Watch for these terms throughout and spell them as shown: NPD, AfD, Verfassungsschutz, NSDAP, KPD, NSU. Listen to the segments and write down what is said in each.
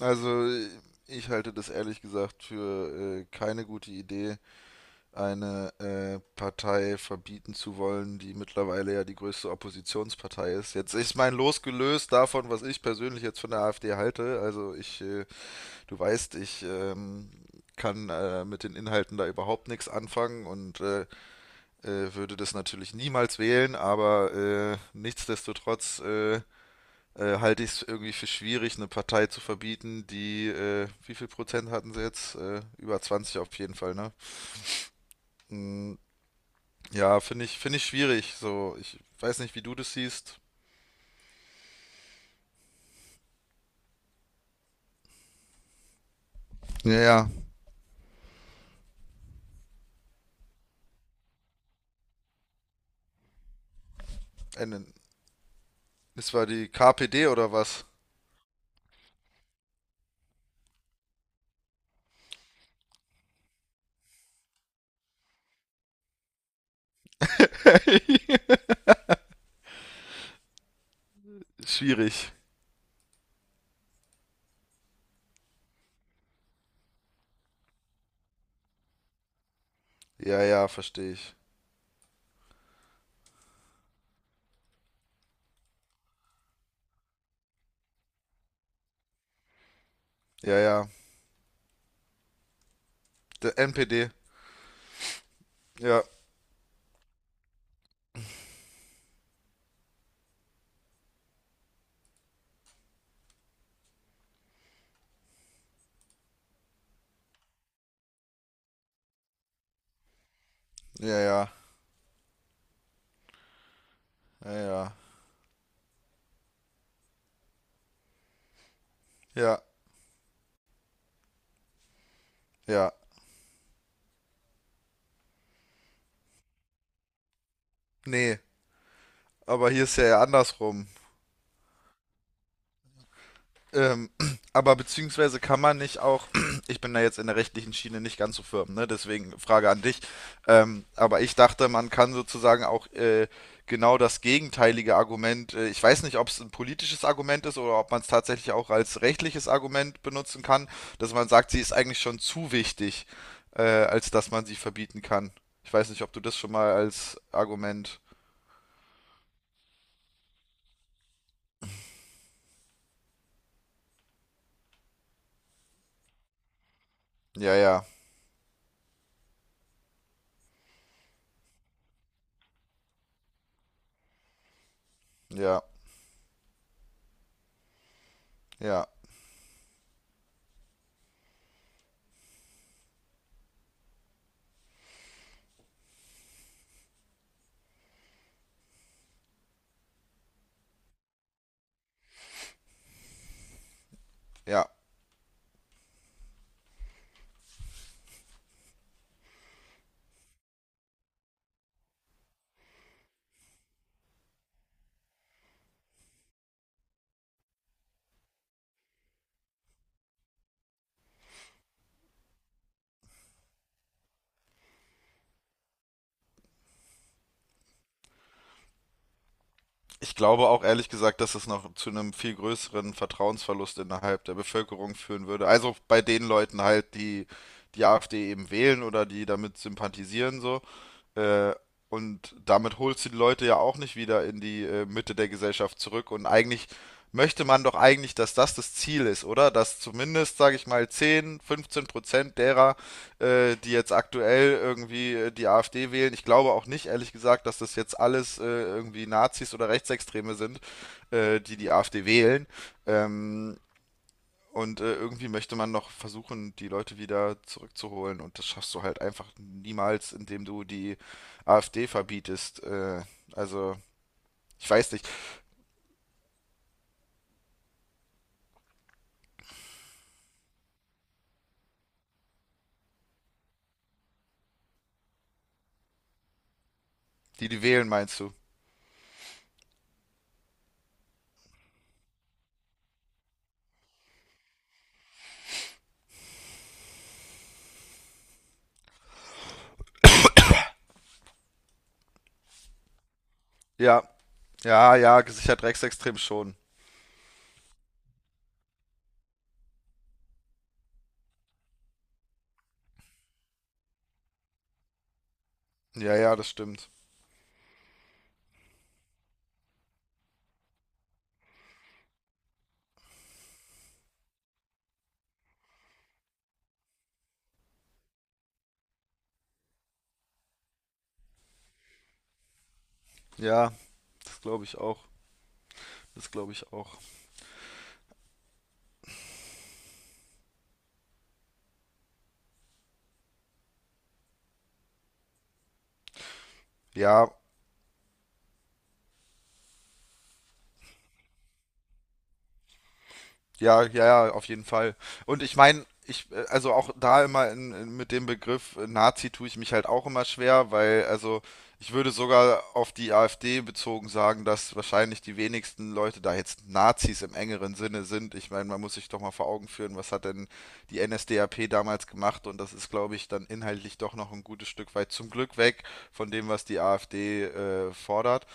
Also ich halte das ehrlich gesagt für keine gute Idee, eine Partei verbieten zu wollen, die mittlerweile ja die größte Oppositionspartei ist. Jetzt ist mein Los gelöst davon, was ich persönlich jetzt von der AfD halte. Also ich, du weißt, ich kann mit den Inhalten da überhaupt nichts anfangen und würde das natürlich niemals wählen, aber nichtsdestotrotz halte ich es irgendwie für schwierig, eine Partei zu verbieten, die, wie viel Prozent hatten sie jetzt? Über 20 auf jeden Fall, ne? Mm, ja, finde ich schwierig. So, ich weiß nicht, wie du das siehst. Ja, ja. Äh, Das war die KPD oder was? Schwierig. Ja, ja, verstehe ich. Ja, ja. Der NPD. Ja, ja, ja, ja, ja, ja, ja. Nee, aber hier ist ja eher andersrum. Ähm, aber beziehungsweise kann man nicht auch, ich bin da jetzt in der rechtlichen Schiene nicht ganz so firm, ne? Deswegen Frage an dich. Aber ich dachte, man kann sozusagen auch genau das gegenteilige Argument, ich weiß nicht, ob es ein politisches Argument ist oder ob man es tatsächlich auch als rechtliches Argument benutzen kann, dass man sagt, sie ist eigentlich schon zu wichtig, als dass man sie verbieten kann. Ich weiß nicht, ob du das schon mal als Argument. Ja, ja, ja, ja, ja. Ich glaube auch ehrlich gesagt, dass es noch zu einem viel größeren Vertrauensverlust innerhalb der Bevölkerung führen würde. Also bei den Leuten halt, die die AfD eben wählen oder die damit sympathisieren so. Äh, und damit holst du die Leute ja auch nicht wieder in die Mitte der Gesellschaft zurück. Und eigentlich möchte man doch eigentlich, dass das das Ziel ist, oder? Dass zumindest, sage ich mal, 10, 15% derer, die jetzt aktuell irgendwie die AfD wählen, ich glaube auch nicht, ehrlich gesagt, dass das jetzt alles irgendwie Nazis oder Rechtsextreme sind, die die AfD wählen. Ähm, und irgendwie möchte man noch versuchen, die Leute wieder zurückzuholen. Und das schaffst du halt einfach niemals, indem du die AfD verbietest. Also, ich weiß nicht. Die, die wählen, meinst du? Ja, ja, ja, gesichert rechtsextrem schon. Ja, ja, das stimmt. Ja, das glaube ich auch. Das glaube ich auch. Ja, ja, ja, ja, auf jeden Fall. Und ich meine, ich, also auch da immer in, mit dem Begriff Nazi tue ich mich halt auch immer schwer, weil, also, ich würde sogar auf die AfD bezogen sagen, dass wahrscheinlich die wenigsten Leute da jetzt Nazis im engeren Sinne sind. Ich meine, man muss sich doch mal vor Augen führen, was hat denn die NSDAP damals gemacht? Und das ist, glaube ich, dann inhaltlich doch noch ein gutes Stück weit zum Glück weg von dem, was die AfD fordert.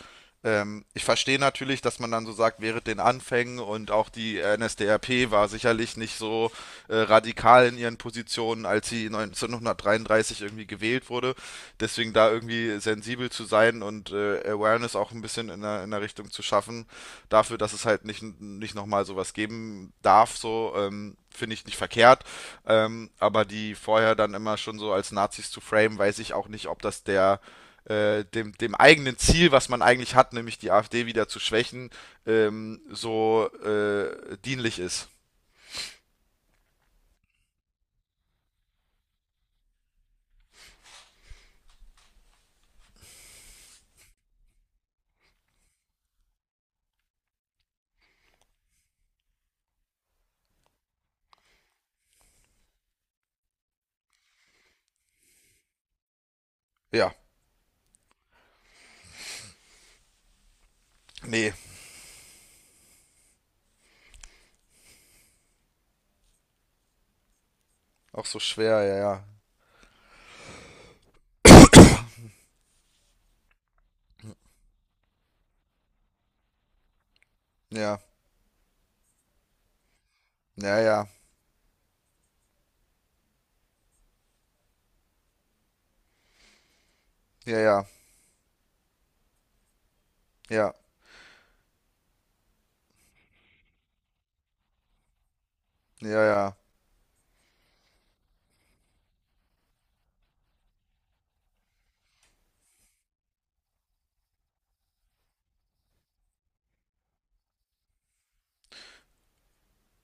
Ich verstehe natürlich, dass man dann so sagt, während den Anfängen und auch die NSDAP war sicherlich nicht so radikal in ihren Positionen, als sie 1933 irgendwie gewählt wurde. Deswegen da irgendwie sensibel zu sein und Awareness auch ein bisschen in der Richtung zu schaffen, dafür, dass es halt nicht, nicht nochmal sowas geben darf, so finde ich nicht verkehrt. Aber die vorher dann immer schon so als Nazis zu frame, weiß ich auch nicht, ob das der dem eigenen Ziel, was man eigentlich hat, nämlich die AfD wieder zu schwächen, so dienlich ist. Ja, nee, auch so schwer, ja, ja, ja, ja, ja, ja, ja, ja, ja.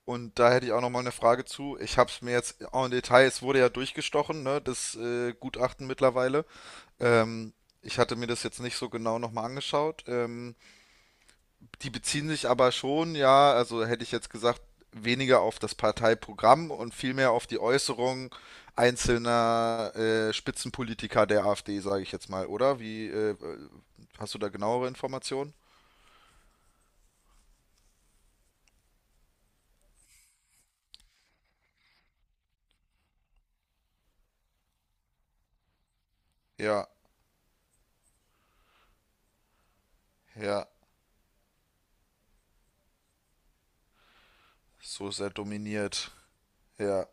Und da hätte ich auch nochmal eine Frage zu. Ich habe es mir jetzt en Detail, es wurde ja durchgestochen, ne, das Gutachten mittlerweile. Ähm, ich hatte mir das jetzt nicht so genau nochmal angeschaut. Die beziehen sich aber schon, ja, also hätte ich jetzt gesagt, weniger auf das Parteiprogramm und vielmehr auf die Äußerungen einzelner Spitzenpolitiker der AfD, sage ich jetzt mal, oder? Wie, hast du da genauere Informationen? Ja, ja, so sehr dominiert. Ja,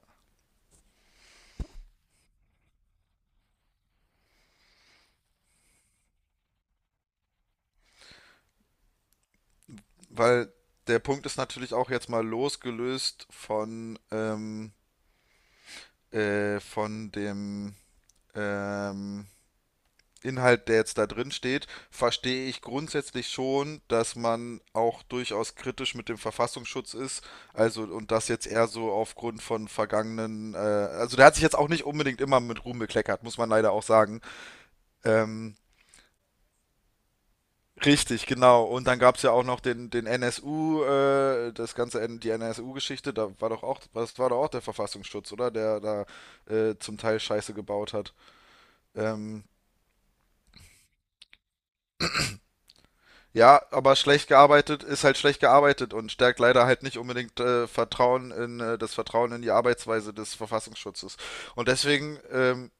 weil der Punkt ist natürlich auch jetzt mal losgelöst von dem, ähm, Inhalt, der jetzt da drin steht, verstehe ich grundsätzlich schon, dass man auch durchaus kritisch mit dem Verfassungsschutz ist. Also, und das jetzt eher so aufgrund von vergangenen, also der hat sich jetzt auch nicht unbedingt immer mit Ruhm bekleckert, muss man leider auch sagen. Ähm, Richtig, genau. Und dann gab es ja auch noch den NSU, das ganze, die NSU-Geschichte, da war doch auch, das war doch auch der Verfassungsschutz, oder? Der da zum Teil Scheiße gebaut hat. Ähm, Ja, aber schlecht gearbeitet ist halt schlecht gearbeitet und stärkt leider halt nicht unbedingt Vertrauen in das Vertrauen in die Arbeitsweise des Verfassungsschutzes. Und deswegen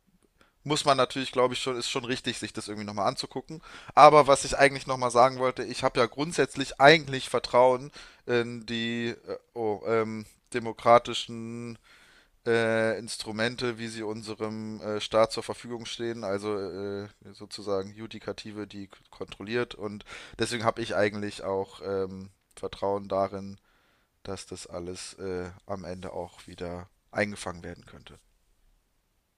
muss man natürlich, glaube ich, schon, ist schon richtig, sich das irgendwie nochmal anzugucken. Aber was ich eigentlich nochmal sagen wollte, ich habe ja grundsätzlich eigentlich Vertrauen in die oh, demokratischen Instrumente, wie sie unserem Staat zur Verfügung stehen, also sozusagen Judikative, die kontrolliert. Und deswegen habe ich eigentlich auch Vertrauen darin, dass das alles am Ende auch wieder eingefangen werden könnte.